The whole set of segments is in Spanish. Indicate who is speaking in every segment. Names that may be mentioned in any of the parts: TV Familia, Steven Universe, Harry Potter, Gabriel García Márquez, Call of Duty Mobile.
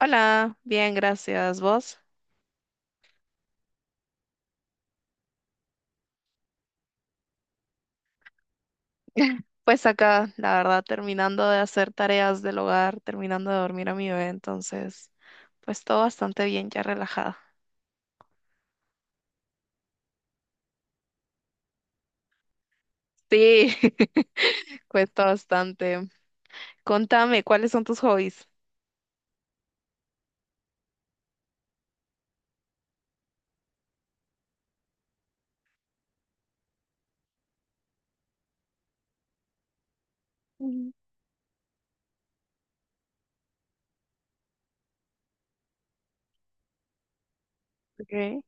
Speaker 1: Hola, bien, gracias. ¿Vos? Pues acá, la verdad, terminando de hacer tareas del hogar, terminando de dormir a mi bebé, entonces, pues todo bastante bien, ya relajada. Sí, cuesta bastante. Contame, ¿cuáles son tus hobbies? Mm. Okay.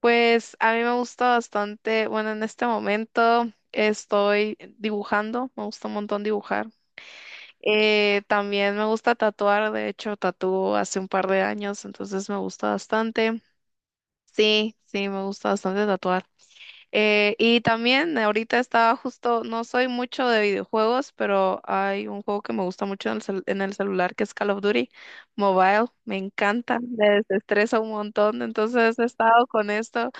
Speaker 1: Pues a mí me gusta bastante, bueno, en este momento estoy dibujando, me gusta un montón dibujar. También me gusta tatuar, de hecho, tatúo hace un par de años, entonces me gusta bastante. Sí, sí, me gusta bastante tatuar. Y también ahorita estaba justo, no soy mucho de videojuegos, pero hay un juego que me gusta mucho en el celular que es Call of Duty Mobile. Me encanta, me desestresa un montón. Entonces he estado con esto,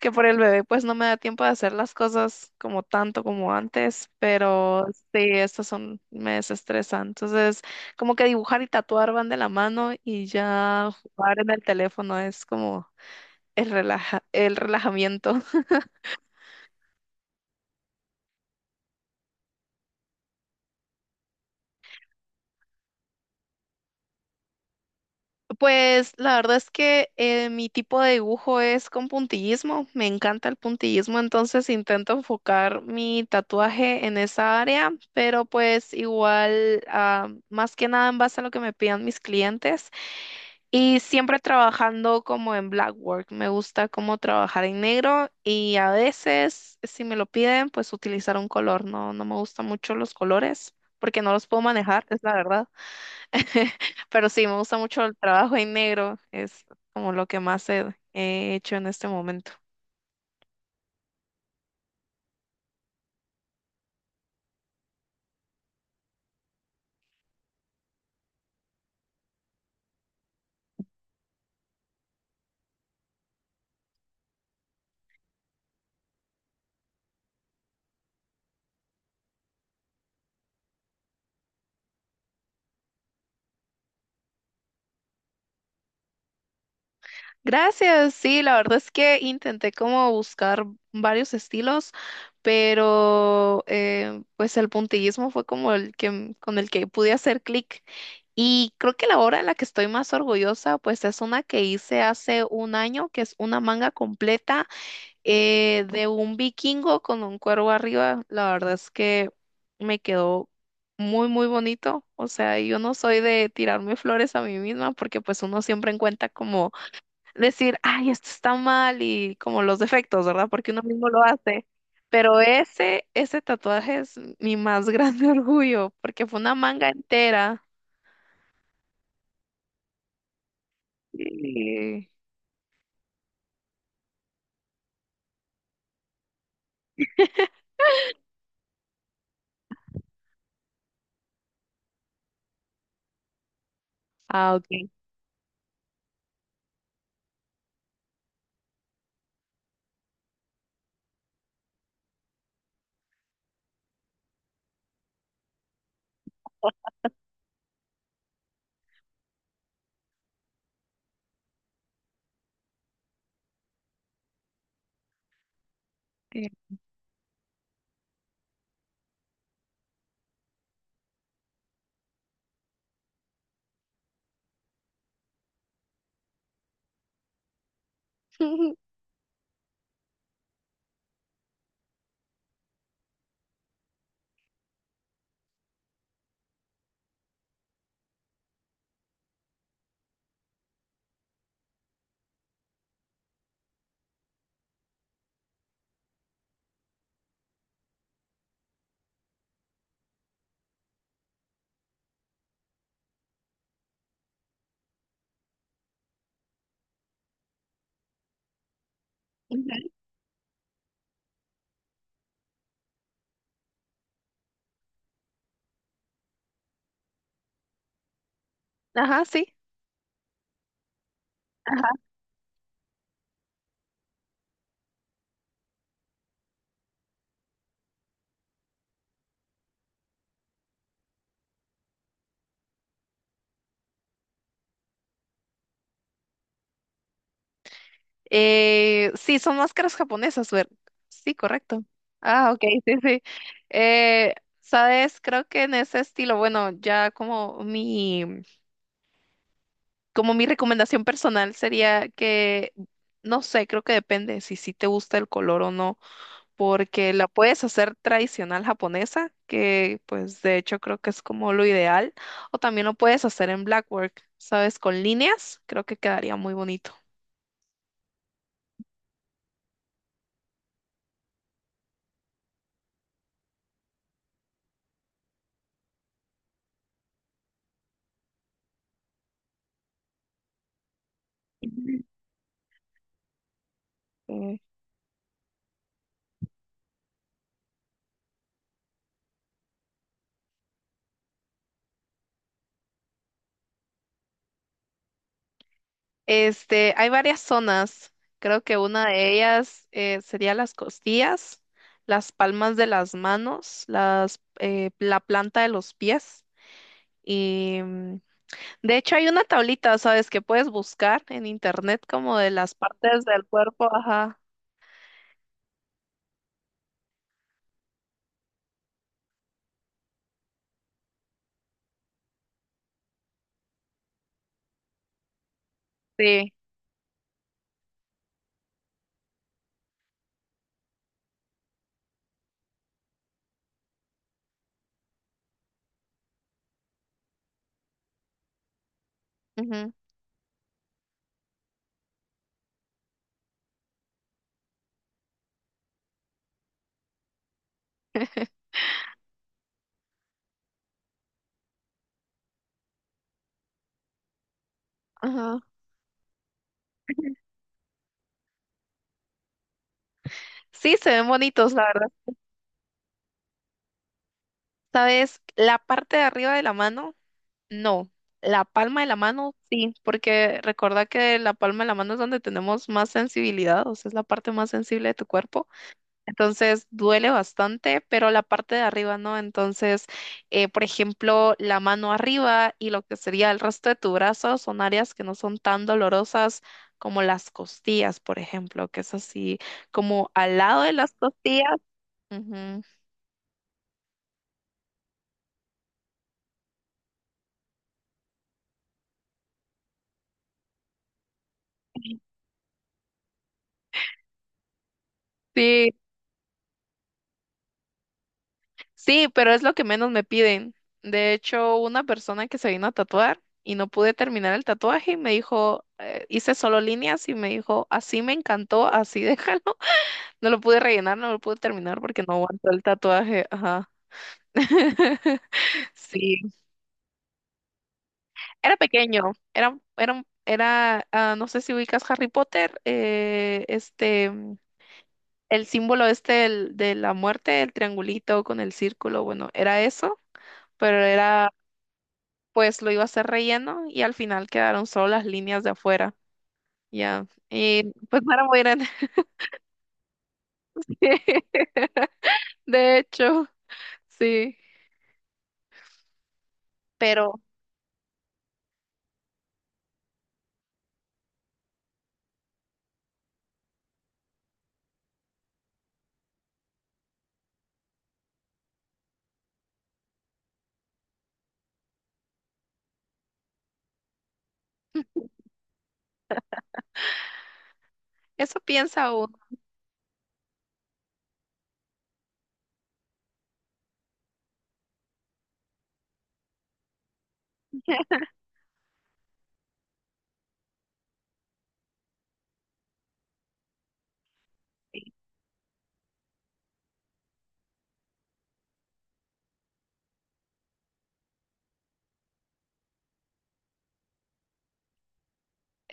Speaker 1: que por el bebé pues no me da tiempo de hacer las cosas como tanto como antes, pero sí, estas son, me desestresan. Entonces como que dibujar y tatuar van de la mano y ya jugar en el teléfono es como... El relajamiento. Pues la verdad es que mi tipo de dibujo es con puntillismo. Me encanta el puntillismo, entonces intento enfocar mi tatuaje en esa área, pero pues igual, más que nada en base a lo que me pidan mis clientes y siempre trabajando como en black work. Me gusta como trabajar en negro y a veces, si me lo piden, pues utilizar un color. No, no me gustan mucho los colores porque no los puedo manejar, es la verdad. Pero sí, me gusta mucho el trabajo en negro, es como lo que más he hecho en este momento. Gracias, sí, la verdad es que intenté como buscar varios estilos, pero pues el puntillismo fue como el que con el que pude hacer clic. Y creo que la obra en la que estoy más orgullosa, pues es una que hice hace un año, que es una manga completa. De un vikingo con un cuervo arriba, la verdad es que me quedó muy, muy bonito. O sea, yo no soy de tirarme flores a mí misma porque pues uno siempre encuentra como decir, ay, esto está mal y como los defectos, ¿verdad? Porque uno mismo lo hace. Pero ese tatuaje es mi más grande orgullo porque fue una manga entera. Y- Ah, ok. Eh, Ajá, sí. Sí, son máscaras japonesas, ver. Sí, correcto. Ah, ok, sí, sí. Eh, sabes, creo que en ese estilo, bueno, ya como mi recomendación personal sería que, no sé, creo que depende si sí te gusta el color o no, porque la puedes hacer tradicional japonesa, que pues de hecho creo que es como lo ideal, o también lo puedes hacer en blackwork, sabes, con líneas, creo que quedaría muy bonito. Ujú. Hay varias zonas. Creo que una de ellas sería las costillas, las palmas de las manos, la planta de los pies. Y de hecho hay una tablita, ¿sabes? Que puedes buscar en internet como de las partes del cuerpo. Ajá. Sí. Ujú. Ajá. Sí, se ven bonitos, la verdad. ¿Sabes? La parte de arriba de la mano. No, la palma de la mano sí, porque recuerda que la palma de la mano es donde tenemos más sensibilidad, o sea, es la parte más sensible de tu cuerpo. Entonces duele bastante, pero la parte de arriba no. Entonces, por ejemplo, la mano arriba y lo que sería el resto de tu brazo son áreas que no son tan dolorosas como las costillas, por ejemplo, que es así como al lado de las costillas. Ujú. Sí. Sí, pero es lo que menos me piden. De hecho, una persona que se vino a tatuar y no pude terminar el tatuaje y me dijo, hice solo líneas y me dijo, así me encantó, así déjalo. No lo pude rellenar, no lo pude terminar porque no aguantó el tatuaje. Ajá. Sí, era pequeño, era, era, un- era, ah, no sé si ubicas Harry Potter, el símbolo este de la muerte, el triangulito con el círculo, bueno, era eso, pero era pues lo iba a hacer relleno y al final quedaron solo las líneas de afuera. Ya. Y pues no era muy grande. De hecho, sí. Pero eso piensa uno.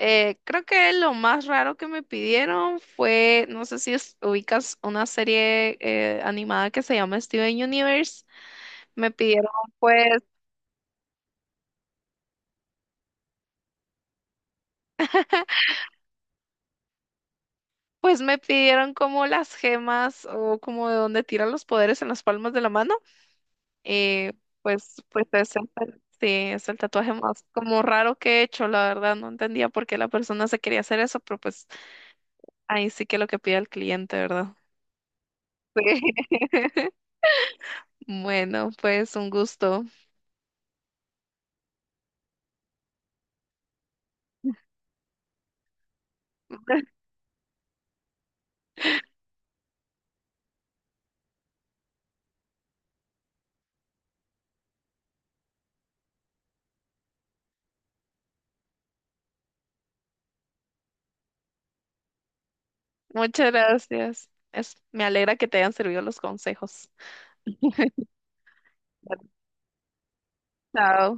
Speaker 1: Creo que lo más raro que me pidieron fue, no sé si ubicas una serie animada que se llama Steven Universe. Me pidieron, pues, me pidieron como las gemas o como de dónde tiran los poderes en las palmas de la mano. Y pues, pues es el, ta- sí, es el tatuaje más como raro que he hecho, la verdad. No entendía por qué la persona se quería hacer eso, pero pues ahí sí que lo que pide el cliente, ¿verdad? Sí. Bueno, pues un gusto. Muchas gracias. Me alegra que te hayan servido los consejos. Chao.